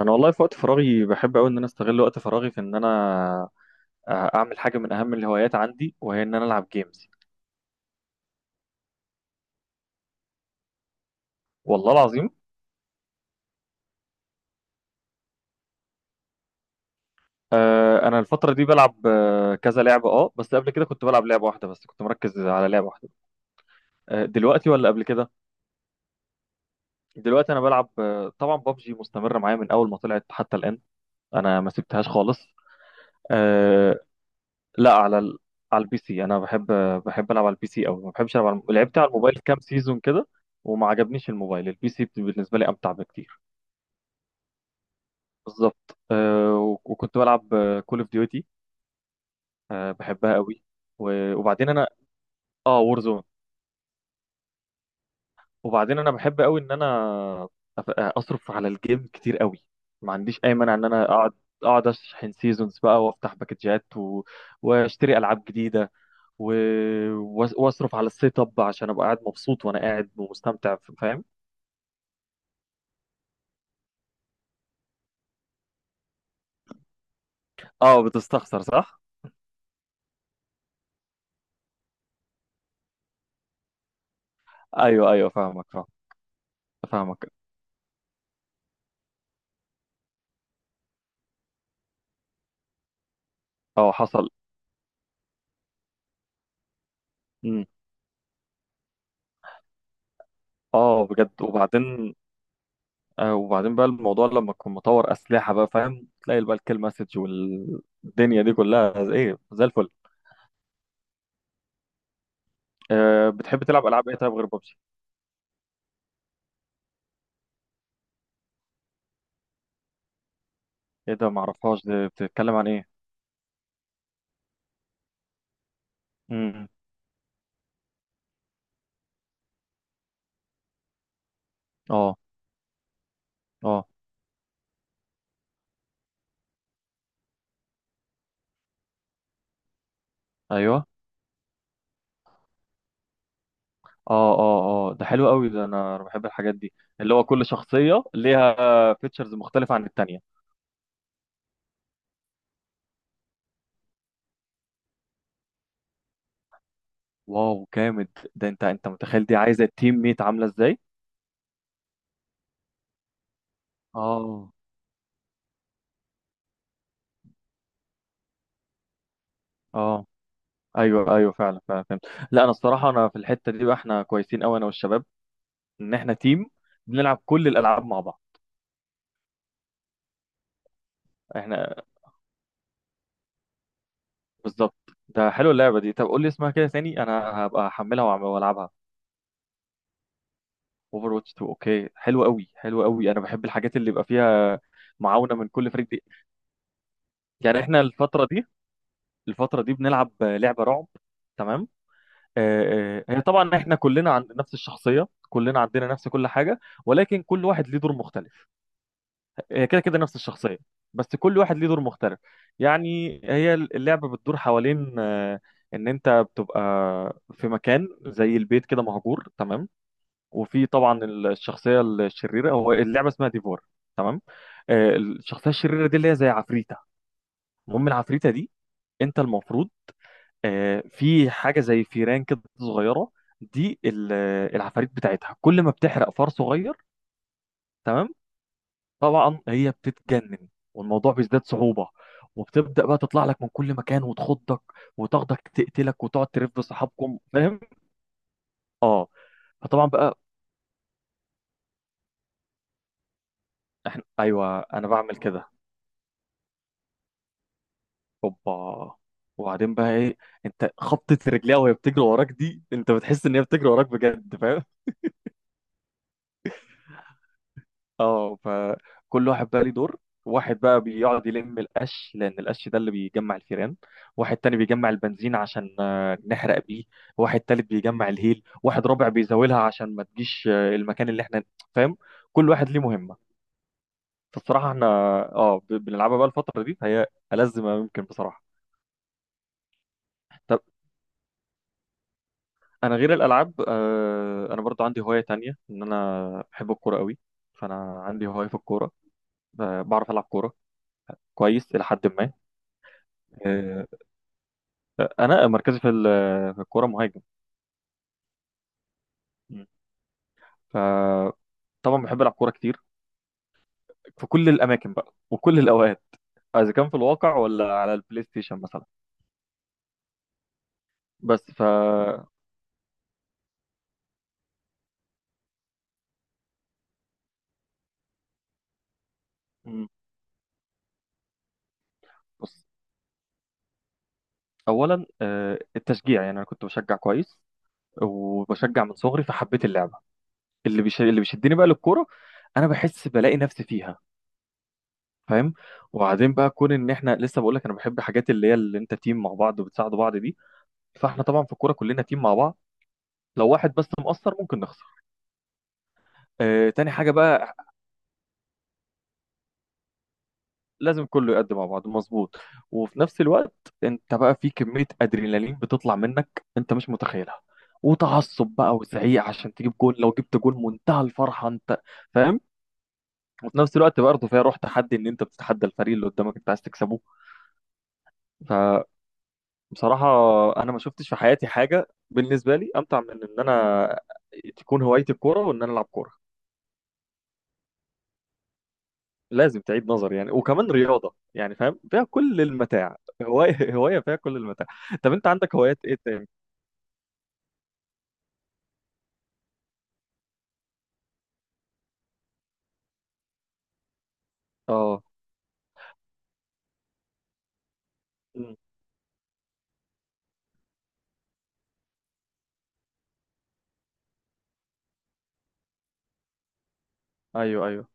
انا والله في وقت فراغي بحب قوي ان انا استغل وقت فراغي في ان انا اعمل حاجه من اهم الهوايات عندي وهي ان انا العب جيمز. والله العظيم. انا الفتره دي بلعب كذا لعبه بس قبل كده كنت بلعب لعبه واحده، بس كنت مركز على لعبه واحده. دلوقتي ولا قبل كده؟ دلوقتي انا بلعب طبعا ببجي مستمره معايا من اول ما طلعت حتى الان. انا ما سبتهاش خالص. آه، لا، على البي سي انا بحب العب على البي سي قوي. ما بحبش العب لعبت على الموبايل كام سيزون كده. وما عجبنيش الموبايل، البي سي بالنسبه لي امتع بكتير. بالظبط. وكنت بلعب كول اوف ديوتي. بحبها قوي. و... وبعدين انا اه وورزون. وبعدين انا بحب قوي ان انا اصرف على الجيم كتير قوي. ما عنديش اي مانع ان انا اقعد اشحن سيزونز بقى وافتح باكجات واشتري العاب جديده و... واصرف على السيت اب عشان ابقى قاعد مبسوط وانا قاعد ومستمتع، فاهم؟ اه بتستخسر صح؟ ايوه ايوه فاهمك فاهم فاهمك. اه حصل. امم. اه بجد وبعدين. وبعدين بقى الموضوع لما تكون مطور اسلحه بقى فاهم، تلاقي بقى الكيل مسج والدنيا دي كلها ايه زي الفل. بتحب تلعب العاب ايه طيب غير ببجي؟ ايه ده؟ معرفهاش دي، بتتكلم عن ايه؟ امم. اه اه. ايوه. اه اه اه ده حلو قوي، ده انا بحب الحاجات دي. اللي هو كل شخصية ليها فيتشرز مختلفة عن التانية. واو جامد، ده انت متخيل دي عايزة التيم ميت عاملة ازاي؟ اه اه. ايوه ايوه فعلا فعلا فهمت. لا انا الصراحة انا في الحتة دي بقى احنا كويسين قوي انا والشباب، ان احنا تيم، بنلعب كل الالعاب مع بعض. احنا بالظبط. ده حلو اللعبة دي. طب قول لي اسمها كده ثاني، انا هبقى احملها والعبها. اوفر واتش 2، اوكي، حلو قوي حلو قوي، انا بحب الحاجات اللي يبقى فيها معاونه من كل فريق دي. يعني احنا الفترة دي، بنلعب لعبة رعب. تمام. هي طبعا احنا كلنا عند نفس الشخصية، كلنا عندنا نفس كل حاجة، ولكن كل واحد ليه دور مختلف. هي كده كده نفس الشخصية، بس كل واحد ليه دور مختلف. يعني هي اللعبة بتدور حوالين ان انت بتبقى في مكان زي البيت كده مهجور، تمام. وفي طبعا الشخصية الشريرة، هو اللعبة اسمها ديفور، تمام. الشخصية الشريرة دي اللي هي زي عفريتة. المهم العفريتة دي، انت المفروض في حاجه زي فيران كده صغيره، دي ال- العفاريت بتاعتها كل ما بتحرق فار صغير، تمام. طبعا هي بتتجنن والموضوع بيزداد صعوبه، وبتبدا بقى تطلع لك من كل مكان وتخضك وتاخدك تقتلك وتقعد ترف بصحابكم، فاهم؟ اه فطبعا بقى احنا، ايوه انا بعمل كده. اوبا. وبعدين بقى ايه؟ انت خبطة رجليها وهي بتجري وراك دي، انت بتحس ان هي بتجري وراك بجد، فاهم؟ اه فكل واحد بقى ليه دور. واحد بقى بيقعد يلم القش لان القش ده اللي بيجمع الفيران، واحد تاني بيجمع البنزين عشان نحرق بيه، واحد تالت بيجمع الهيل، واحد رابع بيزاولها عشان ما تجيش المكان اللي احنا، فاهم. كل واحد ليه مهمة. فالصراحة احنا بنلعبها بقى الفترة دي، فهي ألذ ما ممكن بصراحة. طب انا غير الألعاب انا برضو عندي هواية تانية، ان انا بحب الكورة قوي. فانا عندي هواية في الكورة. بعرف ألعب كورة كويس إلى حد ما. آه، انا مركزي في الكوره مهاجم. مم. فطبعا بحب العب كوره كتير في كل الاماكن بقى وكل الاوقات، اذا كان في الواقع ولا على البلاي ستيشن مثلا. بس ف مم. بص، اولا التشجيع، يعني انا كنت بشجع كويس وبشجع من صغري فحبيت اللعبه. اللي بيشدني بقى للكوره، انا بحس بلاقي نفسي فيها، فاهم. وبعدين بقى كون ان احنا لسه بقول لك انا بحب حاجات اللي هي اللي انت تيم مع بعض وبتساعدوا بعض دي، فاحنا طبعا في الكوره كلنا تيم مع بعض. لو واحد بس مقصر ممكن نخسر. تاني حاجة بقى، لازم كله يقدم مع بعض مظبوط. وفي نفس الوقت انت بقى في كمية ادرينالين بتطلع منك انت مش متخيلها، وتعصب بقى وزعيق عشان تجيب جول، لو جبت جول منتهى الفرحة انت، فاهم. وفي نفس الوقت برضه فيها روح تحدي، ان انت بتتحدى الفريق اللي قدامك انت عايز تكسبه. فبصراحة انا ما شفتش في حياتي حاجة بالنسبة لي امتع من ان انا تكون هوايتي الكورة وان انا العب كورة. لازم تعيد نظر يعني، وكمان رياضة يعني، فاهم، فيها كل المتاع. هواية هواية فيها كل المتاع. طب انت عندك هوايات ايه تاني؟ اه أمم. ايوه ايوه.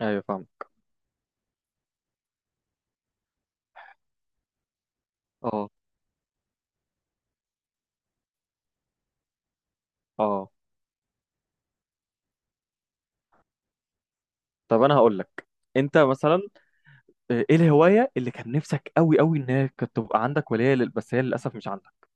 ايوه فاهم. اه اه. طب انا هقول لك، انت مثلا، ايه الهواية اللي كان نفسك قوي قوي ان هي كانت تبقى عندك، ولا هي بس هي للاسف مش عندك؟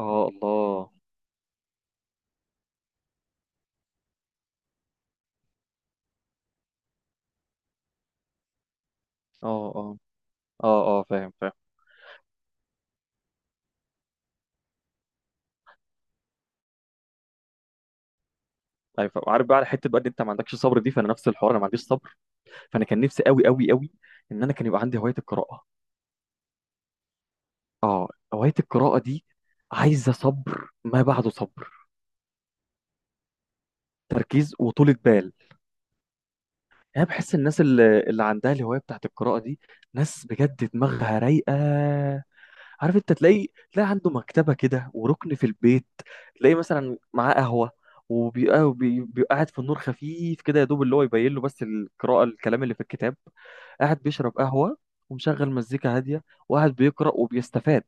اه الله. اه اه اه اه فاهم فاهم. ايوه فاهم. عارف بقى على حته بقى ان انت ما عندكش صبر دي، فانا نفس الحوار انا ما عنديش صبر. فانا كان نفسي قوي قوي قوي ان انا كان يبقى عندي هوايه القراءه. اه هواية القراءة دي عايزة صبر ما بعده صبر. تركيز وطولة بال. انا بحس الناس اللي عندها الهواية بتاعت القراءة دي ناس بجد دماغها رايقة. عارف، انت تلاقي عنده مكتبة كده وركن في البيت، تلاقي مثلا معاه قهوة، بيبقى قاعد في النور خفيف كده يا دوب اللي هو يبين له بس القراءة، الكلام اللي في الكتاب، قاعد بيشرب قهوة ومشغل مزيكا هادية وقاعد بيقرأ وبيستفاد.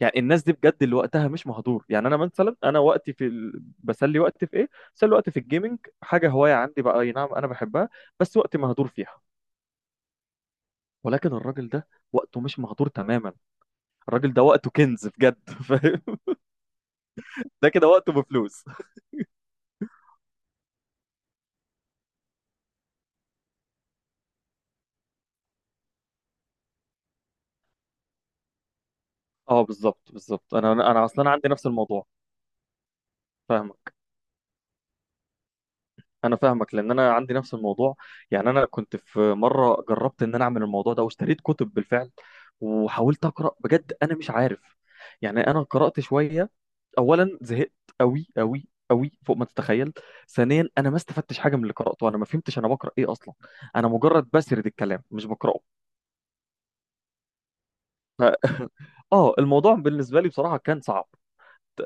يعني الناس دي بجد اللي وقتها مش مهدور. يعني انا مثلا انا وقتي بسلي وقتي في ايه، بسلي وقتي في الجيمنج، حاجه هوايه عندي بقى، اي نعم انا بحبها، بس وقتي مهدور فيها. ولكن الراجل ده وقته مش مهدور تماما، الراجل ده وقته كنز بجد فاهم. ده كده وقته بفلوس. اه بالظبط بالظبط انا اصلا عندي نفس الموضوع. فاهمك. انا فاهمك لان انا عندي نفس الموضوع. يعني انا كنت في مره جربت ان انا اعمل الموضوع ده، واشتريت كتب بالفعل وحاولت اقرا بجد، انا مش عارف. يعني انا قرات شويه، اولا زهقت قوي قوي قوي فوق ما تتخيل. ثانيا انا ما استفدتش حاجه من اللي قراته، انا ما فهمتش انا بقرا ايه اصلا. انا مجرد بسرد الكلام مش بقراه. ف... اه الموضوع بالنسبه لي بصراحه كان صعب.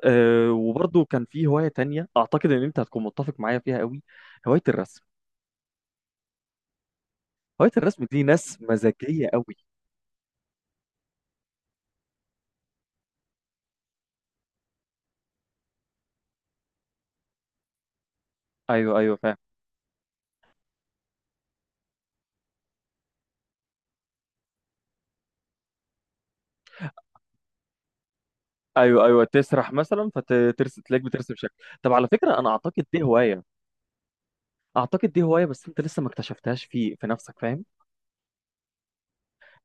أه وبرضه كان في هوايه تانية اعتقد ان انت هتكون متفق معايا فيها قوي، هوايه الرسم. هواية الرسم دي ناس مزاجية قوي. ايوه ايوه فاهم. ايوه ايوه تسرح مثلا فترسم تلاقيك بترسم شكل. طب على فكره انا اعتقد دي هوايه، اعتقد دي هوايه بس انت لسه ما اكتشفتهاش في نفسك، فاهم.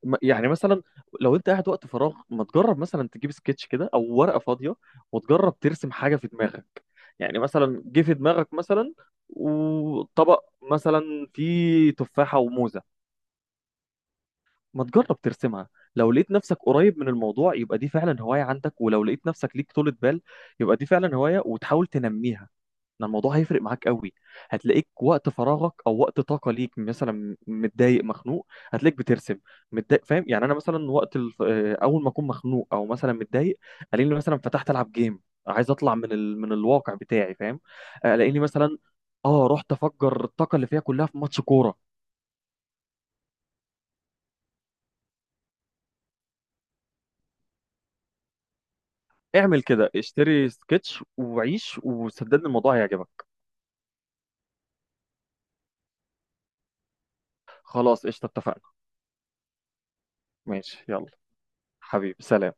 يعني مثلا لو انت قاعد وقت فراغ، ما تجرب مثلا تجيب سكتش كده او ورقه فاضيه وتجرب ترسم حاجه في دماغك. يعني مثلا جه في دماغك مثلا وطبق مثلا فيه تفاحه وموزه، ما تجرب ترسمها. لو لقيت نفسك قريب من الموضوع يبقى دي فعلا هواية عندك، ولو لقيت نفسك ليك طولة بال يبقى دي فعلا هواية وتحاول تنميها، ان الموضوع هيفرق معاك قوي. هتلاقيك وقت فراغك او وقت طاقة ليك مثلا متضايق مخنوق هتلاقيك بترسم، متضايق، فاهم. يعني انا مثلا وقت الف... آه، اول ما اكون مخنوق او مثلا متضايق، الاقيني مثلا فتحت العب جيم، عايز اطلع من الواقع بتاعي، فاهم. الاقيني مثلا اه رحت افجر الطاقة اللي فيها كلها في ماتش كورة. اعمل كده، اشتري سكتش وعيش وصدقني الموضوع هيعجبك. خلاص قشطة اتفقنا. ماشي يلا. حبيبي سلام.